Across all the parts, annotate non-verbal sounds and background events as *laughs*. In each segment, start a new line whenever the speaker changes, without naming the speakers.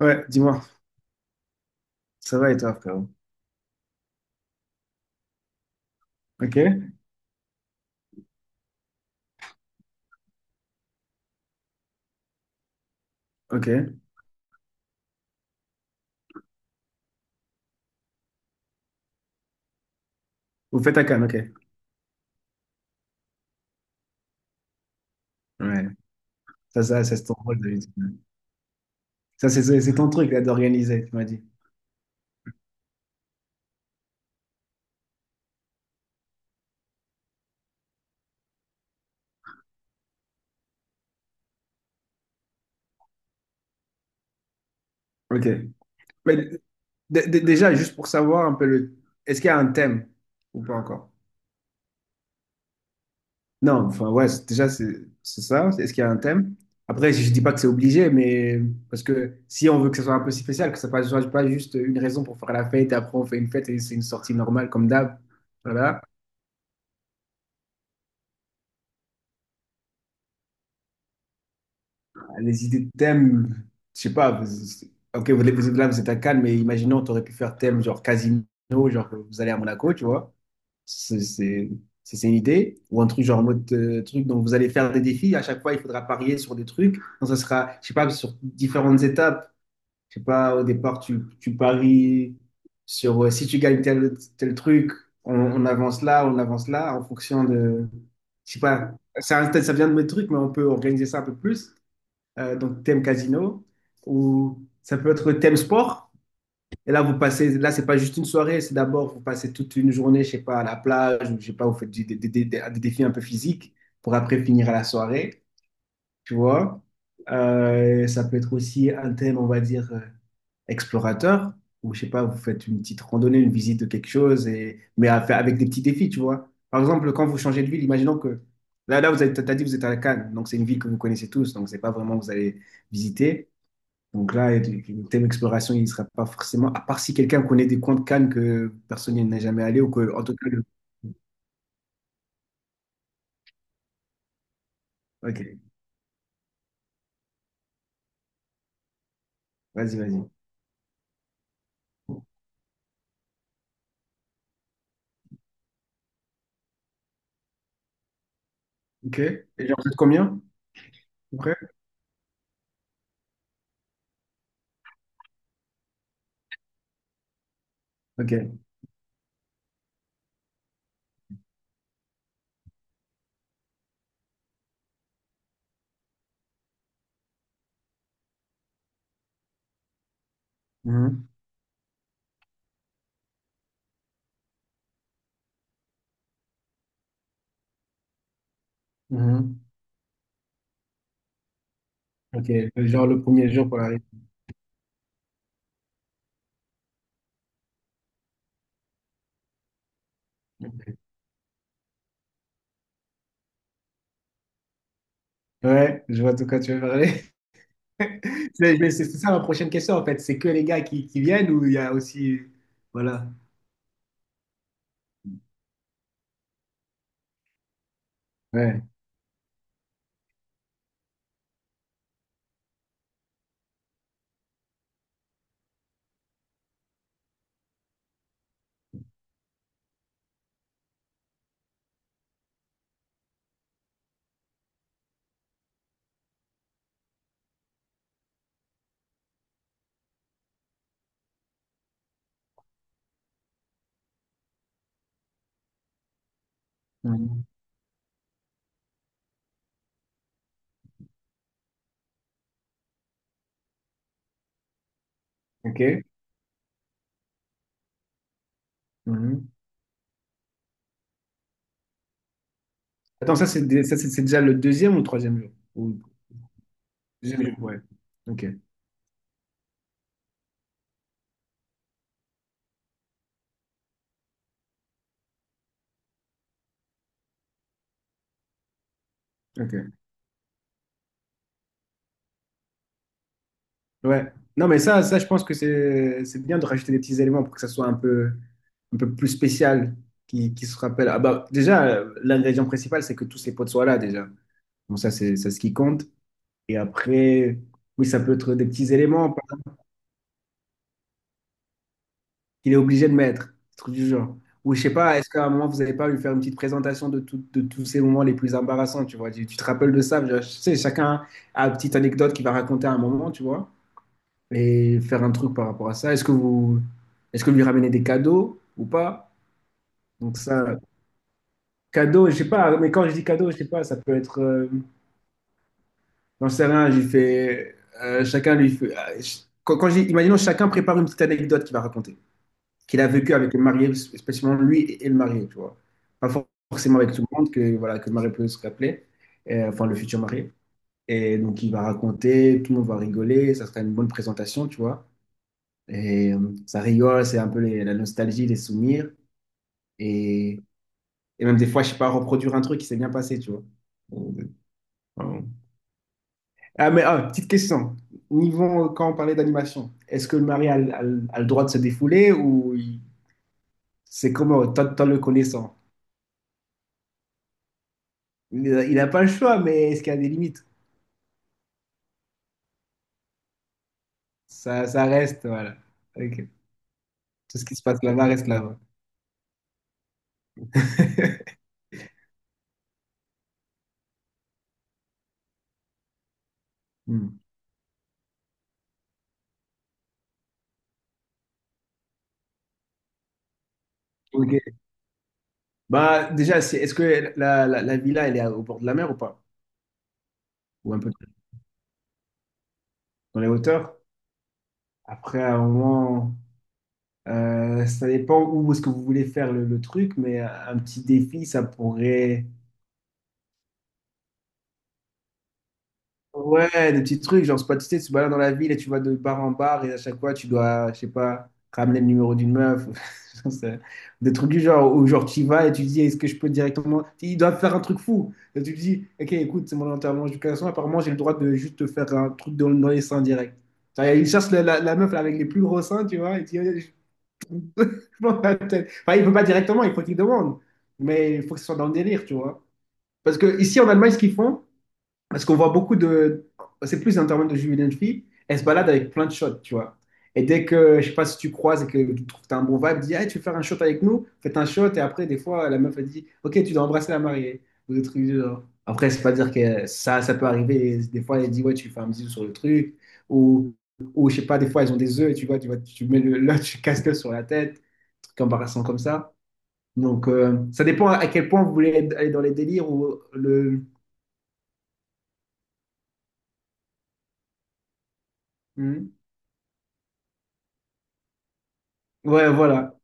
Ouais, dis-moi, ça va et toi, frérot? Ok, ok. Vous faites à Cannes, ok. Ouais, ça c'est ton rôle d'habitude. Ça, c'est ton truc là d'organiser, tu m'as dit. Ok. Mais déjà, juste pour savoir un peu le. Est-ce qu'il y a un thème ou pas encore? Non, enfin, ouais, déjà, c'est ça. Est-ce qu'il y a un thème? Après, je dis pas que c'est obligé, mais parce que si on veut que ça soit un peu si spécial, que ça ne soit pas juste une raison pour faire la fête et après on fait une fête et c'est une sortie normale comme d'hab. Voilà. Ah, les idées de thème, je sais pas. Ok, vous êtes là, vous êtes à Cannes, mais imaginons, tu aurais pu faire thème genre casino, genre vous allez à Monaco, tu vois. C'est c'est- c'est une idée. Ou un truc genre en mode truc, donc vous allez faire des défis. À chaque fois, il faudra parier sur des trucs. Donc ça sera, je sais pas, sur différentes étapes. Je sais pas, au départ, tu paries sur si tu gagnes tel truc, on avance là, en fonction de, je sais pas. Ça vient de mes trucs, mais on peut organiser ça un peu plus donc thème casino, ou ça peut être thème sport. Et là, vous passez, là, c'est pas juste une soirée, c'est d'abord, vous passez toute une journée, je sais pas, à la plage, ou je sais pas, vous faites des défis un peu physiques pour après finir à la soirée, tu vois. Ça peut être aussi un thème, on va dire, explorateur, ou je sais pas, vous faites une petite randonnée, une visite de quelque chose, et, mais à faire avec des petits défis, tu vois. Par exemple, quand vous changez de ville, imaginons que là, vous êtes, t'as dit, que vous êtes à Cannes, donc c'est une ville que vous connaissez tous, donc c'est pas vraiment que vous allez visiter. Donc là, le thème exploration, il ne sera pas forcément, à part si quelqu'un connaît des coins de Cannes que personne n'est jamais allé ou que, en tout cas, le- ok, vas-y, vas-y. Ok, et genre, vous êtes combien, à peu près? Ok. Mhm. Mhm. Ok, genre le premier jour pour l'arrivée. Ok. Ouais, je vois de quoi tu veux parler. *laughs* C'est mais c'est ça ma prochaine question, en fait. C'est que les gars qui viennent ou il y a aussi. Voilà. Ouais. Mhm. Ok. Mhm. Attends, ça, c'est dé- ça, c'est déjà le deuxième ou le troisième jour? Ou... Deuxième jour, ouais. Ok. Ok. Ouais. Non, mais ça, je pense que c'est bien de rajouter des petits éléments pour que ça soit un peu plus spécial, qui se rappelle. Ah bah, déjà, l'ingrédient principal, c'est que tous ces potes soient là, déjà. Bon, ça, c'est ce qui compte. Et après, oui, ça peut être des petits éléments par exemple, qu'il est obligé de mettre, des trucs du genre. Ou je sais pas, est-ce qu'à un moment, vous n'allez pas lui faire une petite présentation de, de tous ces moments les plus embarrassants, tu vois? Tu te rappelles de ça? Je sais, chacun a une petite anecdote qu'il va raconter à un moment, tu vois? Et faire un truc par rapport à ça. Est-ce que vous, est-ce que lui ramener des cadeaux ou pas? Donc ça, cadeaux, je sais pas, mais quand je dis cadeaux, je sais pas, ça peut être, j'en sais rien, j'ai fait, chacun lui fait, ah, quand, imaginons chacun prépare une petite anecdote qu'il va raconter, qu'il a vécu avec le marié, spécialement lui et le marié, tu vois. Pas for- forcément avec tout le monde, que, voilà, que le marié peut se rappeler, enfin le futur marié. Et donc il va raconter, tout le monde va rigoler, ça sera une bonne présentation, tu vois. Et ça rigole, c'est un peu la nostalgie, les souvenirs. Et, et même des fois, je sais pas, reproduire un truc qui s'est bien passé, tu vois. Euh, voilà. Ah, mais ah, petite question. Niveau, quand on parlait d'animation, est-ce que le mari a, le a le droit de se défouler ou c'est comment, tant le connaissant? Il n'a pas le choix, mais est-ce qu'il y a des limites? Ça reste, voilà. Ok. Tout ce qui se passe là-bas reste là-bas. *laughs* Hmm. Ok. Bah, déjà, c'est- est-ce que la villa, elle est au bord de la mer ou pas? Ou un peu dans les hauteurs? Après, à un moment, ça dépend où est-ce que vous voulez faire le truc, mais un petit défi, ça pourrait. Ouais, des petits trucs, genre, c'est pas, tu sais, tu te balades dans la ville et tu vas de bar en bar et à chaque fois, tu dois, je sais pas, ramener le numéro d'une meuf. *laughs* C'est- des trucs du genre, où genre, tu y vas et tu dis, est-ce que je peux directement. Ils doivent faire un truc fou. Et tu te dis, ok, écoute, c'est mon enterrement d'éducation, apparemment, j'ai le droit de juste te faire un truc dans, dans les seins direct. Genre, ils cherchent la meuf avec les plus gros seins, tu vois, et *laughs* dans la tête. Enfin, il ne peut pas directement, il faut qu'il demande. Mais il faut que ce soit dans le délire, tu vois. Parce que ici en Allemagne, ce qu'ils font, parce qu'on voit beaucoup de. C'est plus un terme de jeunes et de filles, elles se baladent avec plein de shots, tu vois. Et dès que, je sais pas si tu croises et que tu trouves que t'as un bon vibe, dis, hey, tu veux faire un shot avec nous? Faites un shot. Et après, des fois, la meuf, elle dit, ok, tu dois embrasser la mariée. Ou des trucs du genre. Après, c'est pas dire que ça peut arriver. Des fois, elle dit, ouais, tu fais un bisou sur le truc. Ou, ou je sais pas, des fois, elles ont des œufs et tu vois, vois, tu mets le, là, tu casques sur la tête comparaison comme ça. Donc, ça dépend à quel point vous voulez aller dans les délires ou le. Hmm. Ouais, voilà.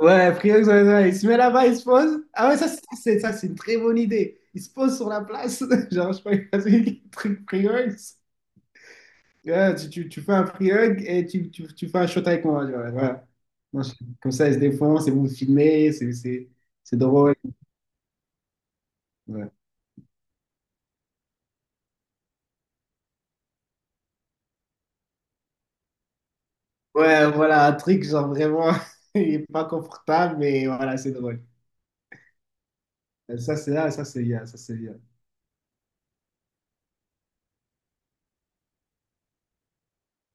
Ouais, Friox, ouais, ouais, il se met là-bas, il se pose. Ah ouais, ça, ça, c'est une très bonne idée. Il se pose sur la place. *laughs* Genre, je sais pas, il passe un truc free hugs. Ouais, tu fais un free hug et tu fais un shot avec moi. Genre, voilà. Non, je- comme ça, il se défonce et vous filmez, c'est drôle. Ouais. Ouais, voilà, un truc genre vraiment, *laughs* il est pas confortable, mais voilà, c'est drôle. Ça, c'est là, ça, c'est IA, ça, c'est IA.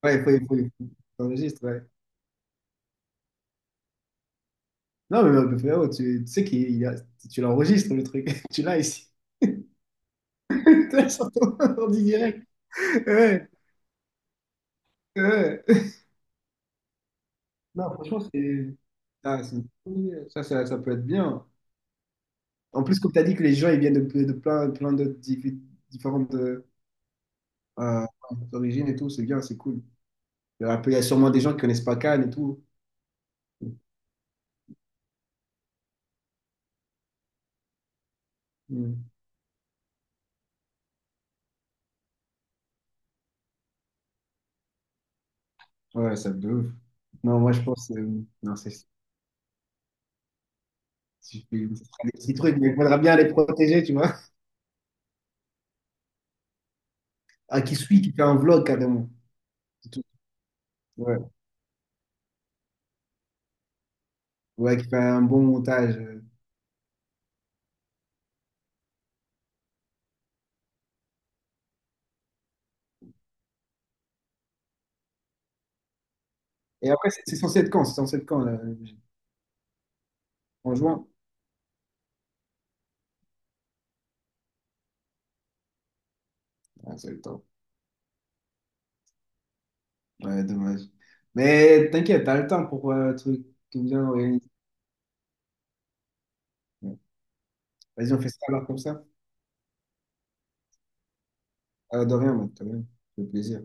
Ouais, il faut. T'enregistres, ouais. Non, mais frérot, tu sais qu'il y a- tu l'enregistres, le truc. *laughs* Tu l'as ici. *laughs* Tu l'as sur ton ordi direct. Ouais, ouais. Non, franchement, c'est... ah, c'est une bonne idée. Ça peut être bien. En plus, comme tu as dit que les gens, ils viennent de plein, plein d'autres différentes euh, origines et tout, c'est bien, c'est cool. Il y a un peu- il y a sûrement des gens qui connaissent pas Cannes et tout. Mm. Ouais, ça de ouf. Non, moi, je pense... non, c'est... Si tu feras des petits trucs, mais il faudra bien les protéger, tu vois. Ah, qui suit, qui fait un vlog carrément. C'est tout. Ouais. Ouais, qui fait un bon montage. Et après, c'est censé être quand? C'est censé être quand, là? En juin? Ah, c'est le temps. Ouais, dommage. Mais t'inquiète, t'as le temps pour le truc qui est bien organisé. Ouais. Vas-y, on fait ça alors comme ça. Ah, de rien, mec, de rien. Ça fait plaisir.